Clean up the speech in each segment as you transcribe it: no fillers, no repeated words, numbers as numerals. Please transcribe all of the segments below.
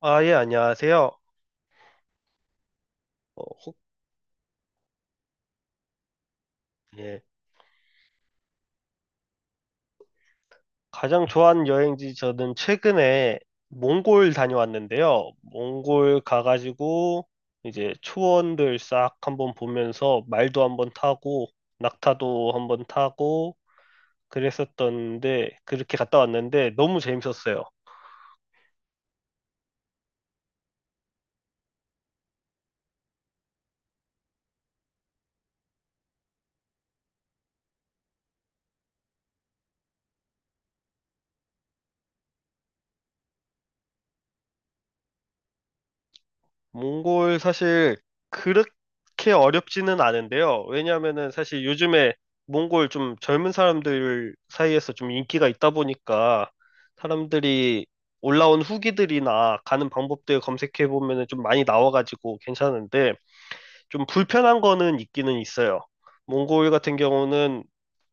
아, 예, 안녕하세요. 어, 혹, 예. 가장 좋아하는 여행지 저는 최근에 몽골 다녀왔는데요. 몽골 가가지고 이제 초원들 싹 한번 보면서 말도 한번 타고 낙타도 한번 타고 그랬었던데 그렇게 갔다 왔는데 너무 재밌었어요. 몽골 사실 그렇게 어렵지는 않은데요. 왜냐하면은 사실 요즘에 몽골 좀 젊은 사람들 사이에서 좀 인기가 있다 보니까 사람들이 올라온 후기들이나 가는 방법들 검색해 보면은 좀 많이 나와가지고 괜찮은데 좀 불편한 거는 있기는 있어요. 몽골 같은 경우는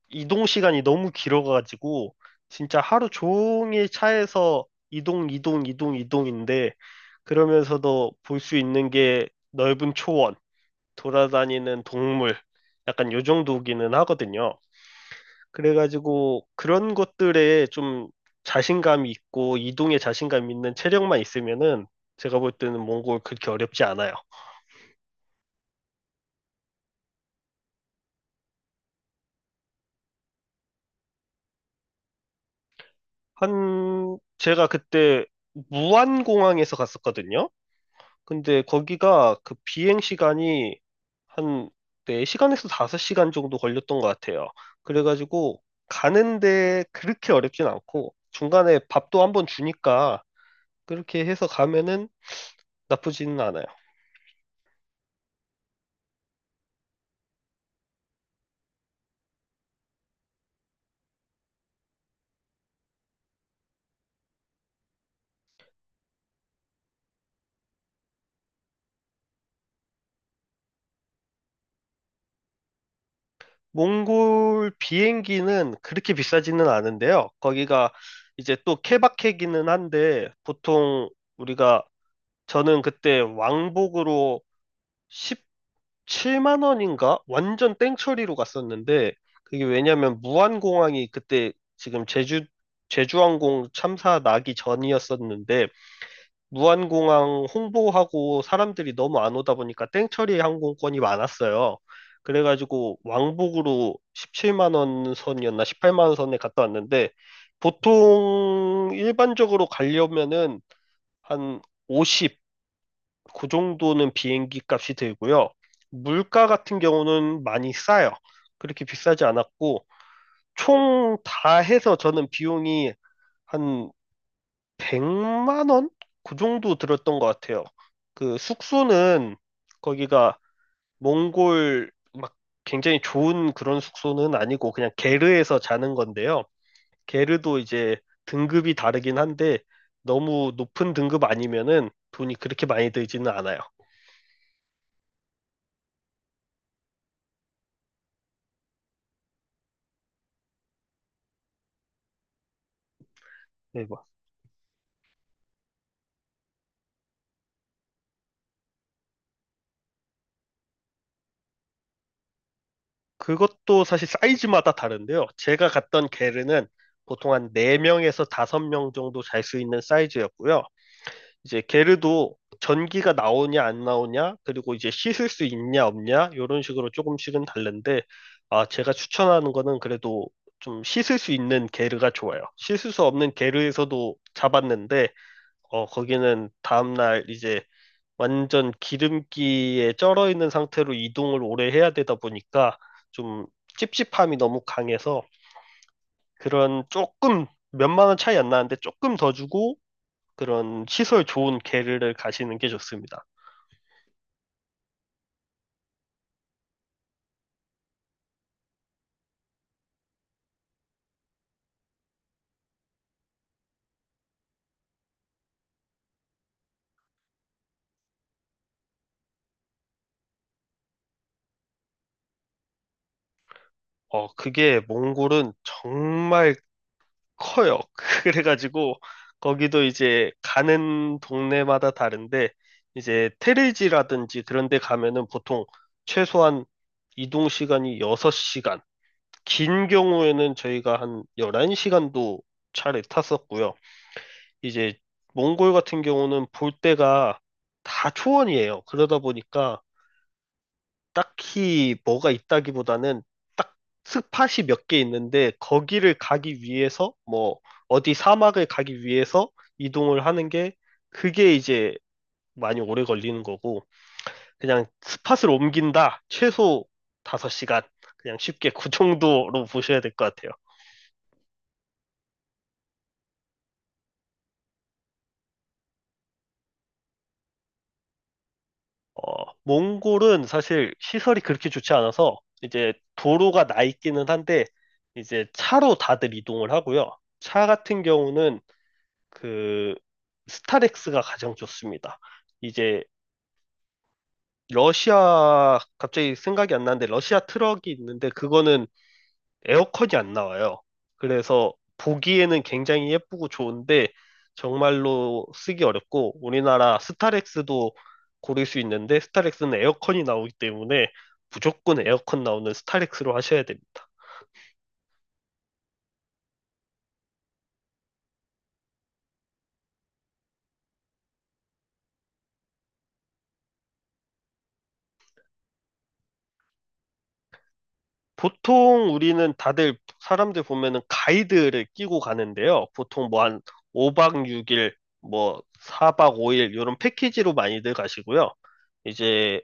이동 시간이 너무 길어가지고 진짜 하루 종일 차에서 이동, 이동, 이동, 이동인데 그러면서도 볼 수 있는 게 넓은 초원, 돌아다니는 동물, 약간 요 정도기는 하거든요. 그래가지고 그런 것들에 좀 자신감이 있고 이동에 자신감 있는 체력만 있으면은 제가 볼 때는 몽골 그렇게 어렵지 않아요. 한 제가 그때 무안공항에서 갔었거든요. 근데 거기가 그 비행 시간이 한 4시간에서 5시간 정도 걸렸던 것 같아요. 그래가지고 가는데 그렇게 어렵진 않고 중간에 밥도 한번 주니까 그렇게 해서 가면은 나쁘지는 않아요. 몽골 비행기는 그렇게 비싸지는 않은데요. 거기가 이제 또 케바케기는 한데 보통 우리가 저는 그때 왕복으로 1 7만 원인가? 완전 땡처리로 갔었는데 그게 왜냐면 무안공항이 그때 지금 제주항공 참사 나기 전이었었는데 무안공항 홍보하고 사람들이 너무 안 오다 보니까 땡처리 항공권이 많았어요. 그래가지고 왕복으로 17만 원 선이었나 18만 원 선에 갔다 왔는데 보통 일반적으로 가려면은 한 50, 그 정도는 비행기 값이 들고요. 물가 같은 경우는 많이 싸요. 그렇게 비싸지 않았고, 총 다 해서 저는 비용이 한 100만 원? 그 정도 들었던 것 같아요. 그 숙소는 거기가 몽골 막 굉장히 좋은 그런 숙소는 아니고 그냥 게르에서 자는 건데요. 게르도 이제 등급이 다르긴 한데 너무 높은 등급 아니면은 돈이 그렇게 많이 들지는 않아요. 네, 뭐 그것도 사실 사이즈마다 다른데요. 제가 갔던 게르는 보통 한 4명에서 5명 정도 잘 수 있는 사이즈였고요. 이제 게르도 전기가 나오냐 안 나오냐, 그리고 이제 씻을 수 있냐 없냐, 이런 식으로 조금씩은 다른데, 아, 제가 추천하는 거는 그래도 좀 씻을 수 있는 게르가 좋아요. 씻을 수 없는 게르에서도 잡았는데, 어, 거기는 다음날 이제 완전 기름기에 쩔어 있는 상태로 이동을 오래 해야 되다 보니까 좀 찝찝함이 너무 강해서 그런 조금 몇만 원 차이 안 나는데 조금 더 주고 그런 시설 좋은 게르를 가시는 게 좋습니다. 어, 그게 몽골은 정말 커요. 그래가지고 거기도 이제 가는 동네마다 다른데 이제 테레지라든지 그런 데 가면은 보통 최소한 이동 시간이 6시간, 긴 경우에는 저희가 한 11시간도 차를 탔었고요. 이제 몽골 같은 경우는 볼 때가 다 초원이에요. 그러다 보니까 딱히 뭐가 있다기보다는 딱 스팟이 몇 개 있는데 거기를 가기 위해서 뭐 어디 사막을 가기 위해서 이동을 하는 게 그게 이제 많이 오래 걸리는 거고 그냥 스팟을 옮긴다 최소 5시간 그냥 쉽게 그 정도로 보셔야 될 것 같아요. 어, 몽골은 사실 시설이 그렇게 좋지 않아서 이제 도로가 나 있기는 한데 이제 차로 다들 이동을 하고요. 차 같은 경우는 그 스타렉스가 가장 좋습니다. 이제 러시아 갑자기 생각이 안 나는데 러시아 트럭이 있는데 그거는 에어컨이 안 나와요. 그래서 보기에는 굉장히 예쁘고 좋은데 정말로 쓰기 어렵고 우리나라 스타렉스도 고를 수 있는데 스타렉스는 에어컨이 나오기 때문에 무조건 에어컨 나오는 스타렉스로 하셔야 됩니다. 보통 우리는 다들 사람들 보면은 가이드를 끼고 가는데요. 보통 뭐 한 5박 6일, 뭐 4박 5일 이런 패키지로 많이들 가시고요. 이제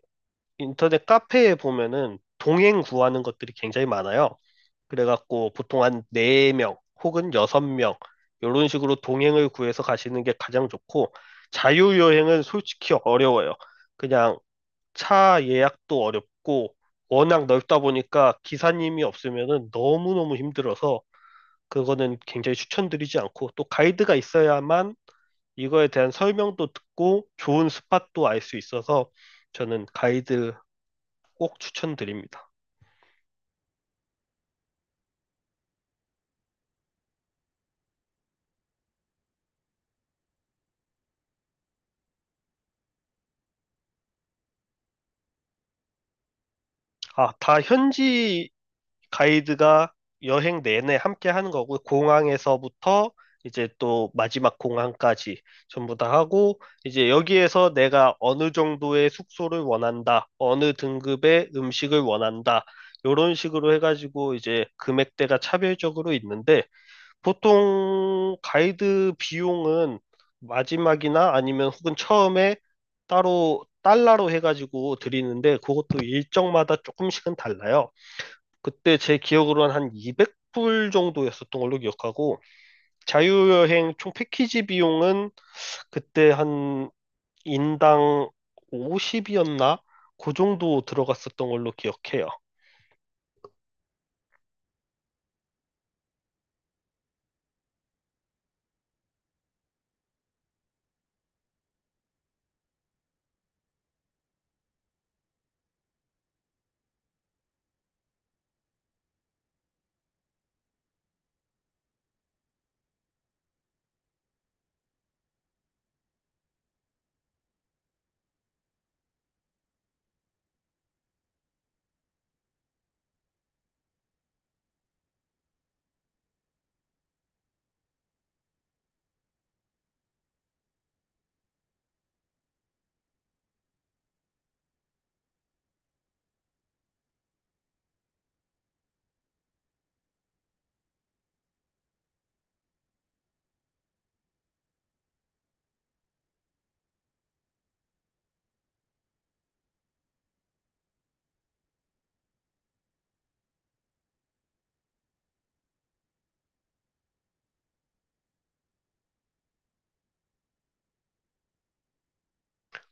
인터넷 카페에 보면은 동행 구하는 것들이 굉장히 많아요. 그래갖고 보통 한 4명 혹은 6명 이런 식으로 동행을 구해서 가시는 게 가장 좋고 자유여행은 솔직히 어려워요. 그냥 차 예약도 어렵고 워낙 넓다 보니까 기사님이 없으면은 너무너무 힘들어서 그거는 굉장히 추천드리지 않고 또 가이드가 있어야만 이거에 대한 설명도 듣고 좋은 스팟도 알 수 있어서 저는 가이드 꼭 추천드립니다. 아, 다 현지 가이드가 여행 내내 함께 하는 거고, 공항에서부터 이제 또 마지막 공항까지 전부 다 하고, 이제 여기에서 내가 어느 정도의 숙소를 원한다, 어느 등급의 음식을 원한다, 요런 식으로 해가지고 이제 금액대가 차별적으로 있는데, 보통 가이드 비용은 마지막이나 아니면 혹은 처음에 따로 달러로 해가지고 드리는데 그것도 일정마다 조금씩은 달라요. 그때 제 기억으로는 한 200불 정도였었던 걸로 기억하고 자유여행 총 패키지 비용은 그때 한 인당 50이었나? 그 정도 들어갔었던 걸로 기억해요.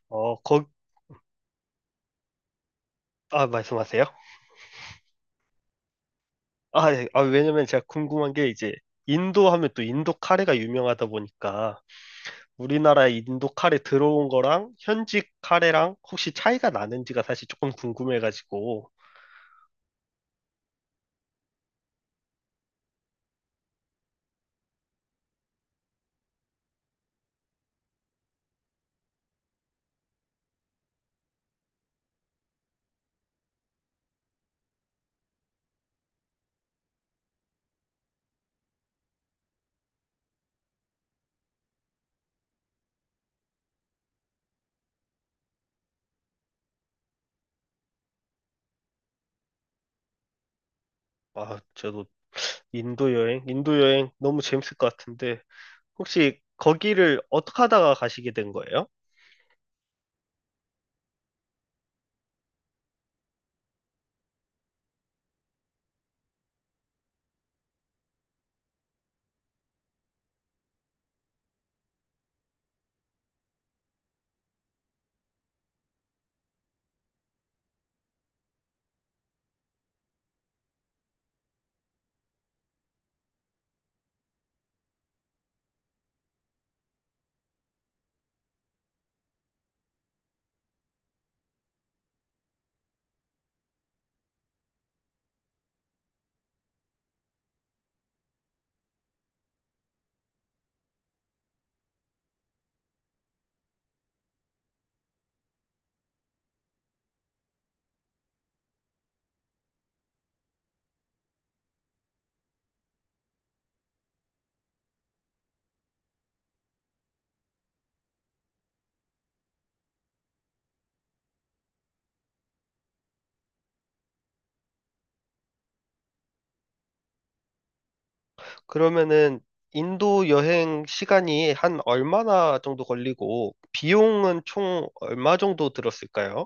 어, 거, 아, 말씀하세요. 아, 예. 아, 왜냐면 제가 궁금한 게 이제 인도 하면 또 인도 카레가 유명하다 보니까 우리나라 인도 카레 들어온 거랑 현지 카레랑 혹시 차이가 나는지가 사실 조금 궁금해가지고 아, 저도 인도 여행, 인도 여행 너무 재밌을 것 같은데 혹시 거기를 어떻게 하다가 가시게 된 거예요? 그러면은 인도 여행 시간이 한 얼마나 정도 걸리고 비용은 총 얼마 정도 들었을까요?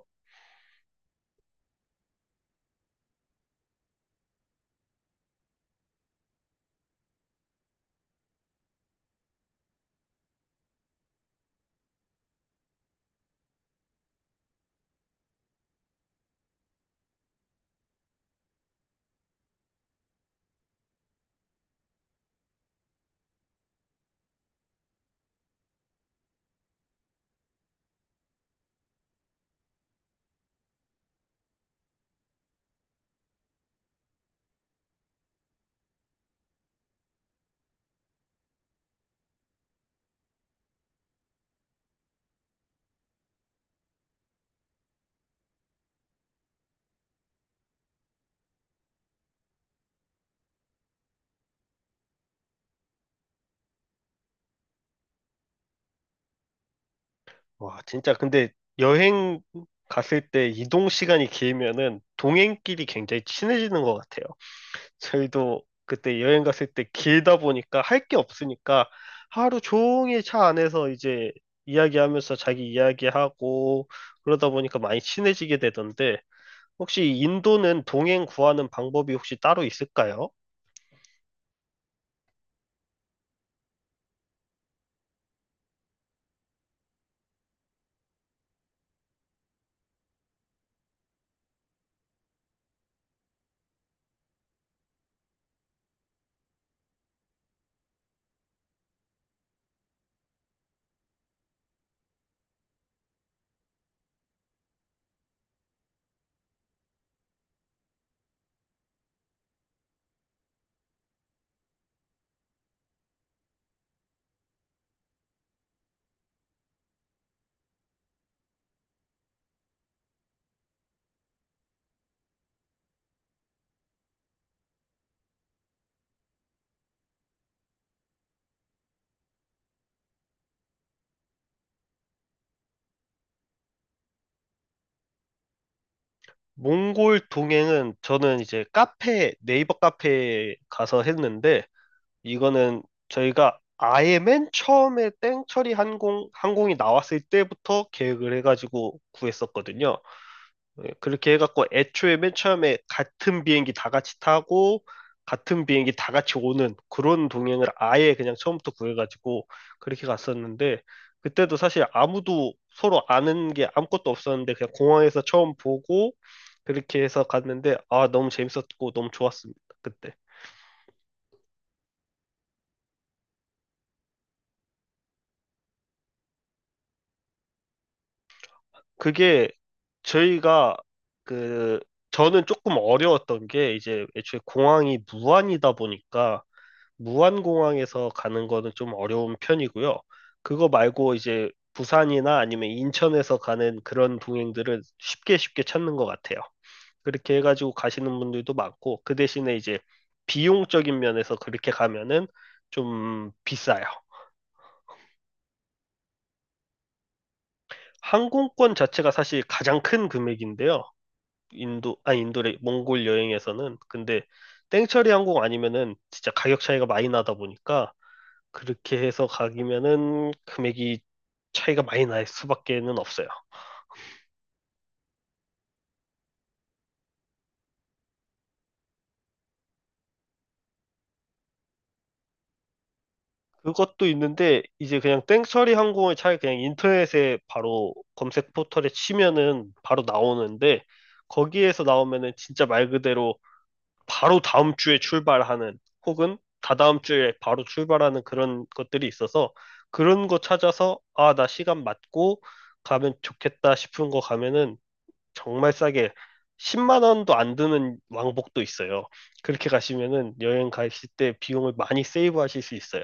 와, 진짜 근데 여행 갔을 때 이동 시간이 길면은 동행끼리 굉장히 친해지는 것 같아요. 저희도 그때 여행 갔을 때 길다 보니까 할 게 없으니까 하루 종일 차 안에서 이제 이야기하면서 자기 이야기하고 그러다 보니까 많이 친해지게 되던데 혹시 인도는 동행 구하는 방법이 혹시 따로 있을까요? 몽골 동행은 저는 이제 카페, 네이버 카페에 가서 했는데 이거는 저희가 아예 맨 처음에 땡처리 항공이 나왔을 때부터 계획을 해가지고 구했었거든요. 예, 그렇게 해갖고 애초에 맨 처음에 같은 비행기 다 같이 타고 같은 비행기 다 같이 오는 그런 동행을 아예 그냥 처음부터 구해가지고 그렇게 갔었는데 그때도 사실 아무도 서로 아는 게 아무것도 없었는데 그냥 공항에서 처음 보고 그렇게 해서 갔는데 아, 너무 재밌었고 너무 좋았습니다. 그때. 그게 저희가 그 저는 조금 어려웠던 게 이제 애초에 공항이 무안이다 보니까 무안공항에서 가는 거는 좀 어려운 편이고요. 그거 말고 이제 부산이나 아니면 인천에서 가는 그런 동행들을 쉽게 쉽게 찾는 것 같아요. 그렇게 해가지고 가시는 분들도 많고, 그 대신에 이제 비용적인 면에서 그렇게 가면은 좀 비싸요. 항공권 자체가 사실 가장 큰 금액인데요. 인도, 아 인도래, 몽골 여행에서는. 근데 땡처리 항공 아니면은 진짜 가격 차이가 많이 나다 보니까 그렇게 해서 가기면은 금액이 차이가 많이 날 수밖에는 없어요. 그것도 있는데 이제 그냥 땡처리 항공을 차라리 그냥 인터넷에 바로 검색 포털에 치면은 바로 나오는데 거기에서 나오면은 진짜 말 그대로 바로 다음 주에 출발하는 혹은 다다음 주에 바로 출발하는 그런 것들이 있어서 그런 거 찾아서 아, 나 시간 맞고 가면 좋겠다 싶은 거 가면은 정말 싸게 10만 원도 안 드는 왕복도 있어요. 그렇게 가시면은 여행 가실 때 비용을 많이 세이브 하실 수 있어요.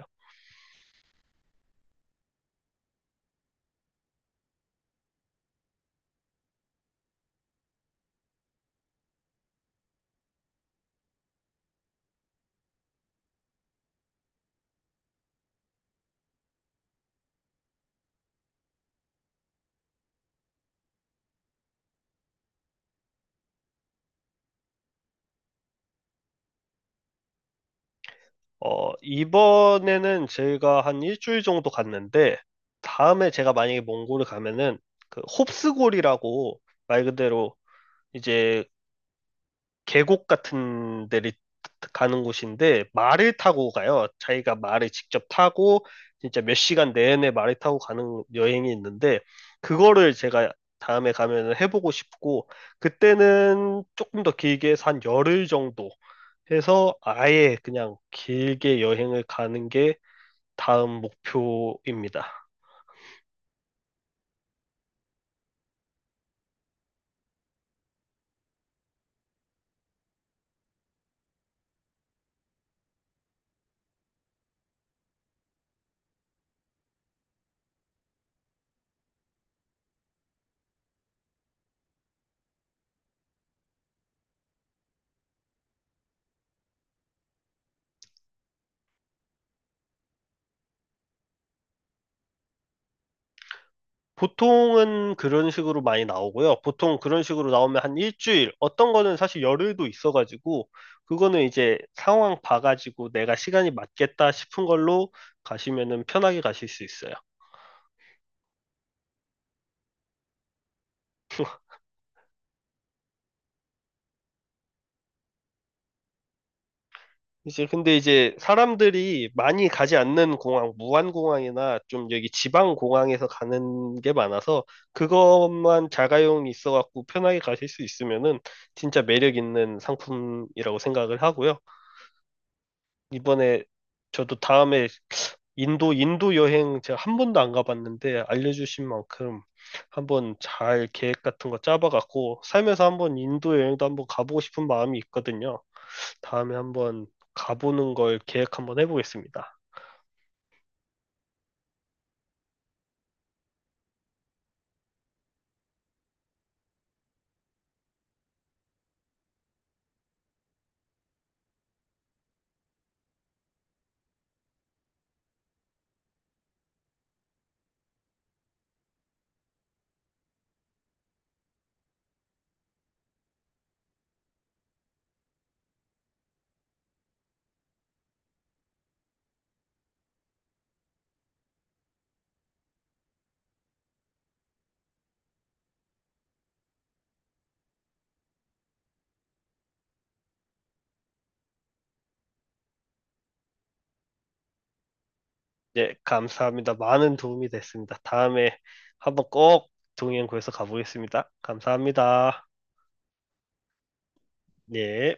어, 이번에는 제가 한 일주일 정도 갔는데 다음에 제가 만약에 몽골을 가면은 그 홉스골이라고 말 그대로 이제 계곡 같은 데를 가는 곳인데 말을 타고 가요. 자기가 말을 직접 타고 진짜 몇 시간 내내 말을 타고 가는 여행이 있는데 그거를 제가 다음에 가면 해보고 싶고 그때는 조금 더 길게 해서 한 열흘 정도 해서 아예 그냥 길게 여행을 가는 게 다음 목표입니다. 보통은 그런 식으로 많이 나오고요. 보통 그런 식으로 나오면 한 일주일, 어떤 거는 사실 열흘도 있어가지고, 그거는 이제 상황 봐가지고 내가 시간이 맞겠다 싶은 걸로 가시면은 편하게 가실 수 있어요. 이제 근데 이제 사람들이 많이 가지 않는 공항, 무안공항이나 좀 여기 지방 공항에서 가는 게 많아서 그것만 자가용이 있어갖고 편하게 가실 수 있으면은 진짜 매력 있는 상품이라고 생각을 하고요. 이번에 저도 다음에 인도, 인도 여행 제가 한 번도 안 가봤는데 알려주신 만큼 한번 잘 계획 같은 거 짜봐갖고 살면서 한번 인도 여행도 한번 가보고 싶은 마음이 있거든요. 다음에 한번 가보는 걸 계획 한번 해보겠습니다. 예, 감사합니다. 많은 도움이 됐습니다. 다음에 한번 꼭 동행 구해서 가보겠습니다. 감사합니다. 네.